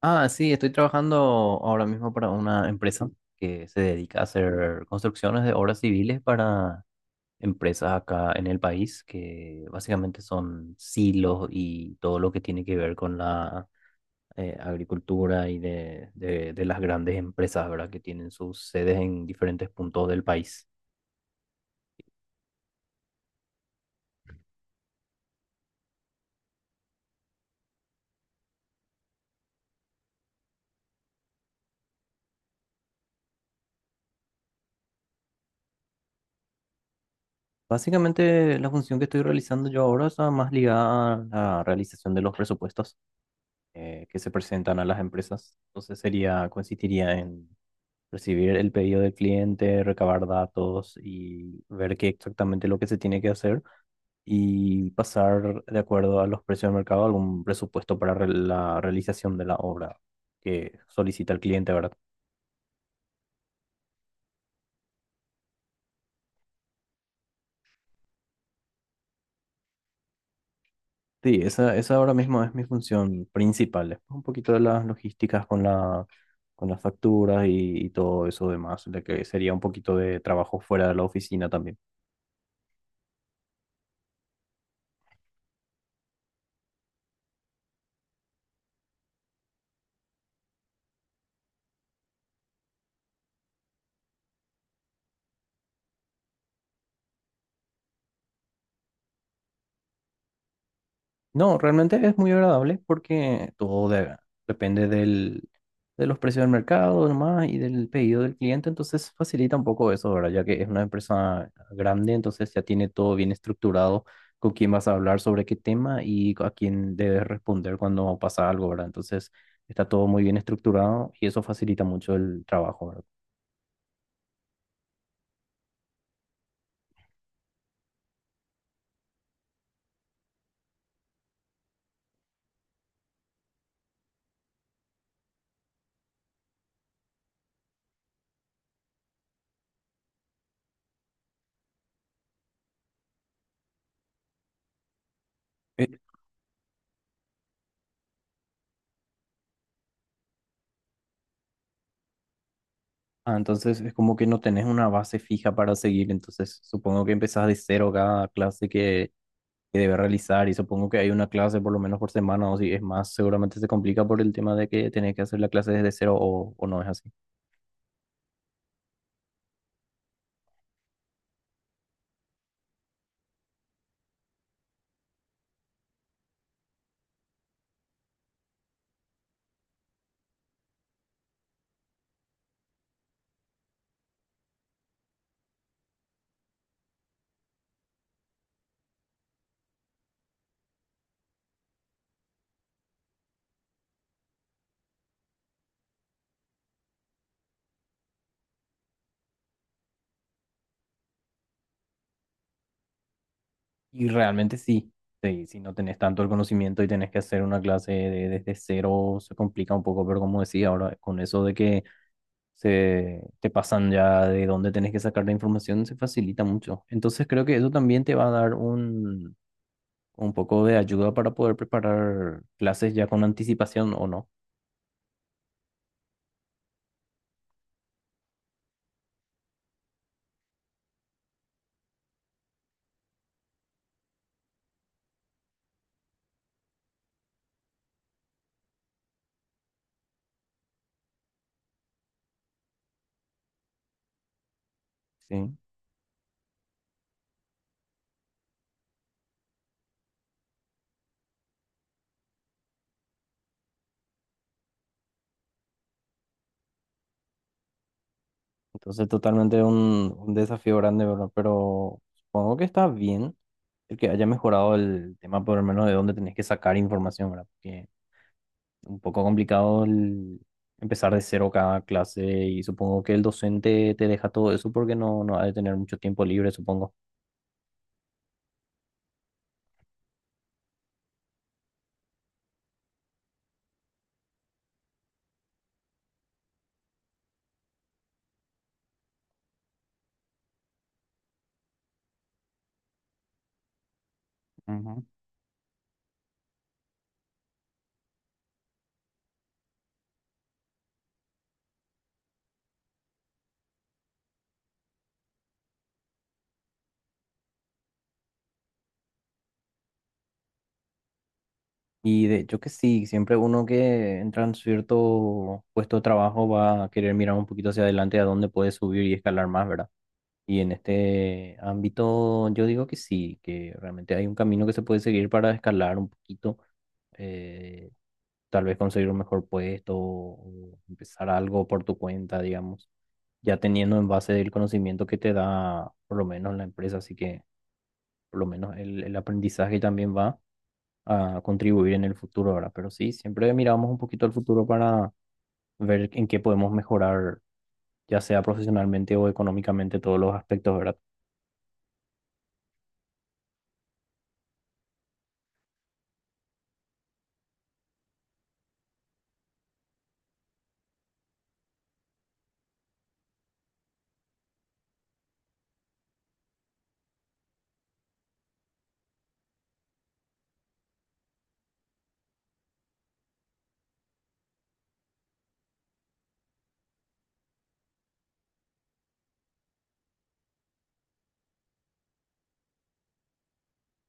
Ah, sí, estoy trabajando ahora mismo para una empresa que se dedica a hacer construcciones de obras civiles para empresas acá en el país, que básicamente son silos y todo lo que tiene que ver con la agricultura y de las grandes empresas, ¿verdad? Que tienen sus sedes en diferentes puntos del país. Básicamente la función que estoy realizando yo ahora está más ligada a la realización de los presupuestos que se presentan a las empresas. Entonces sería, consistiría en recibir el pedido del cliente, recabar datos y ver qué exactamente lo que se tiene que hacer y pasar de acuerdo a los precios del mercado algún presupuesto para la realización de la obra que solicita el cliente, ¿verdad? Sí, esa ahora mismo es mi función principal. Después un poquito de las logísticas con con las facturas y todo eso demás, de que sería un poquito de trabajo fuera de la oficina también. No, realmente es muy agradable porque todo depende de los precios del mercado nomás y del pedido del cliente, entonces facilita un poco eso, ¿verdad? Ya que es una empresa grande, entonces ya tiene todo bien estructurado con quién vas a hablar sobre qué tema y a quién debes responder cuando pasa algo, ¿verdad? Entonces está todo muy bien estructurado y eso facilita mucho el trabajo, ¿verdad? Eh, entonces es como que no tenés una base fija para seguir, entonces supongo que empezás de cero cada clase que debe realizar y supongo que hay una clase por lo menos por semana o si es más, seguramente se complica por el tema de que tenés que hacer la clase desde cero o no es así. Y realmente sí, sí, si no tenés tanto el conocimiento y tenés que hacer una clase desde cero se complica un poco, pero como decía ahora, con eso de que se te pasan ya de dónde tenés que sacar la información se facilita mucho. Entonces creo que eso también te va a dar un poco de ayuda para poder preparar clases ya con anticipación o no. Sí. Entonces, totalmente un desafío grande, ¿verdad? Pero supongo que está bien el que haya mejorado el tema, por lo menos de dónde tenés que sacar información, ¿verdad? Porque un poco complicado el empezar de cero cada clase y supongo que el docente te deja todo eso porque no, no ha de tener mucho tiempo libre, supongo. Ujú. Y de hecho que sí, siempre uno que entra en cierto puesto de trabajo va a querer mirar un poquito hacia adelante a dónde puede subir y escalar más, ¿verdad? Y en este ámbito yo digo que sí, que realmente hay un camino que se puede seguir para escalar un poquito, eh, tal vez conseguir un mejor puesto o empezar algo por tu cuenta, digamos, ya teniendo en base el conocimiento que te da por lo menos la empresa, así que por lo menos el aprendizaje también va a contribuir en el futuro ahora. Pero sí, siempre miramos un poquito al futuro para ver en qué podemos mejorar, ya sea profesionalmente o económicamente, todos los aspectos, ¿verdad?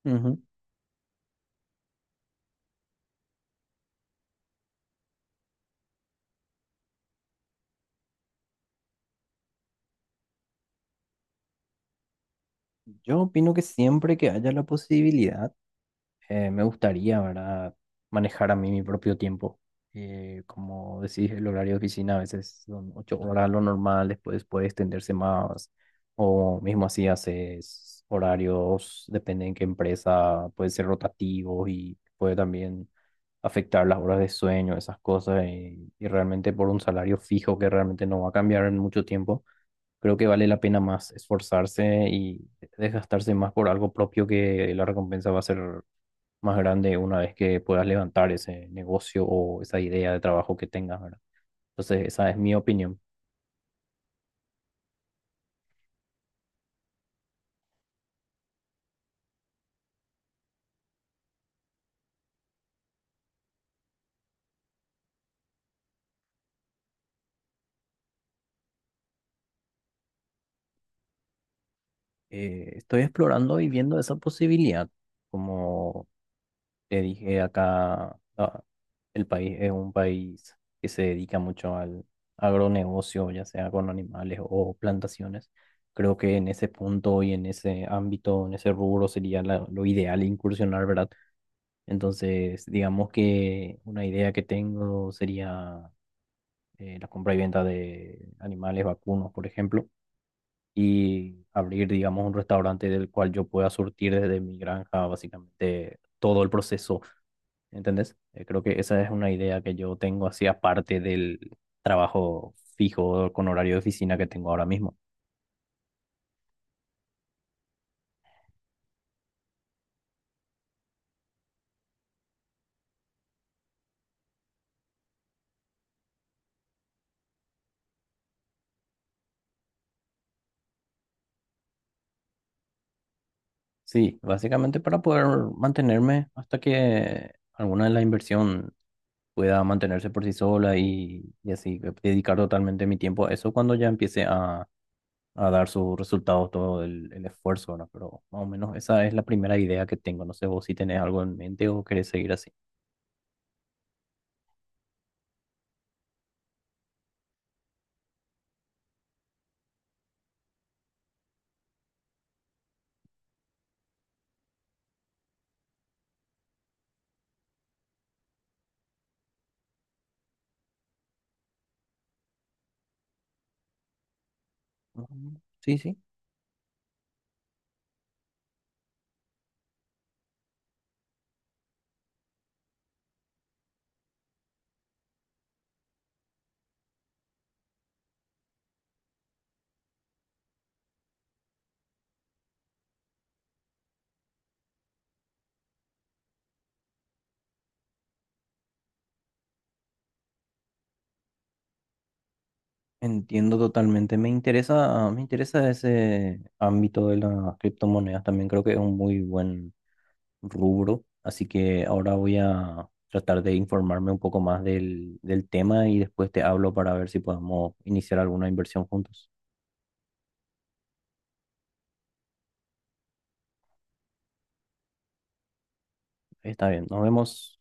Ujú. Yo opino que siempre que haya la posibilidad, me gustaría, ¿verdad? Manejar a mí mi propio tiempo. Como decís, el horario de oficina a veces son 8 horas lo normal, después puede extenderse más. O mismo así haces horarios, depende en qué empresa, puede ser rotativos y puede también afectar las horas de sueño, esas cosas. Y realmente por un salario fijo que realmente no va a cambiar en mucho tiempo, creo que vale la pena más esforzarse y desgastarse más por algo propio que la recompensa va a ser más grande una vez que puedas levantar ese negocio o esa idea de trabajo que tengas, ¿verdad? Entonces, esa es mi opinión. Estoy explorando y viendo esa posibilidad, como te dije acá. El país es un país que se dedica mucho al agronegocio, ya sea con animales o plantaciones. Creo que en ese punto y en ese ámbito, en ese rubro sería lo ideal incursionar, ¿verdad? Entonces, digamos que una idea que tengo sería la compra y venta de animales vacunos, por ejemplo, y abrir, digamos, un restaurante del cual yo pueda surtir desde mi granja, básicamente, todo el proceso. ¿Entendés? Creo que esa es una idea que yo tengo así aparte del trabajo fijo con horario de oficina que tengo ahora mismo. Sí, básicamente para poder mantenerme hasta que alguna de la inversión pueda mantenerse por sí sola y así dedicar totalmente mi tiempo a eso cuando ya empiece a dar sus resultados todo el esfuerzo, ¿no? Pero más o menos esa es la primera idea que tengo. No sé vos si tenés algo en mente o querés seguir así. Ujú. Sí, sí. Entiendo totalmente. Me interesa ese ámbito de las criptomonedas. También creo que es un muy buen rubro. Así que ahora voy a tratar de informarme un poco más del tema y después te hablo para ver si podemos iniciar alguna inversión juntos. Está bien, nos vemos.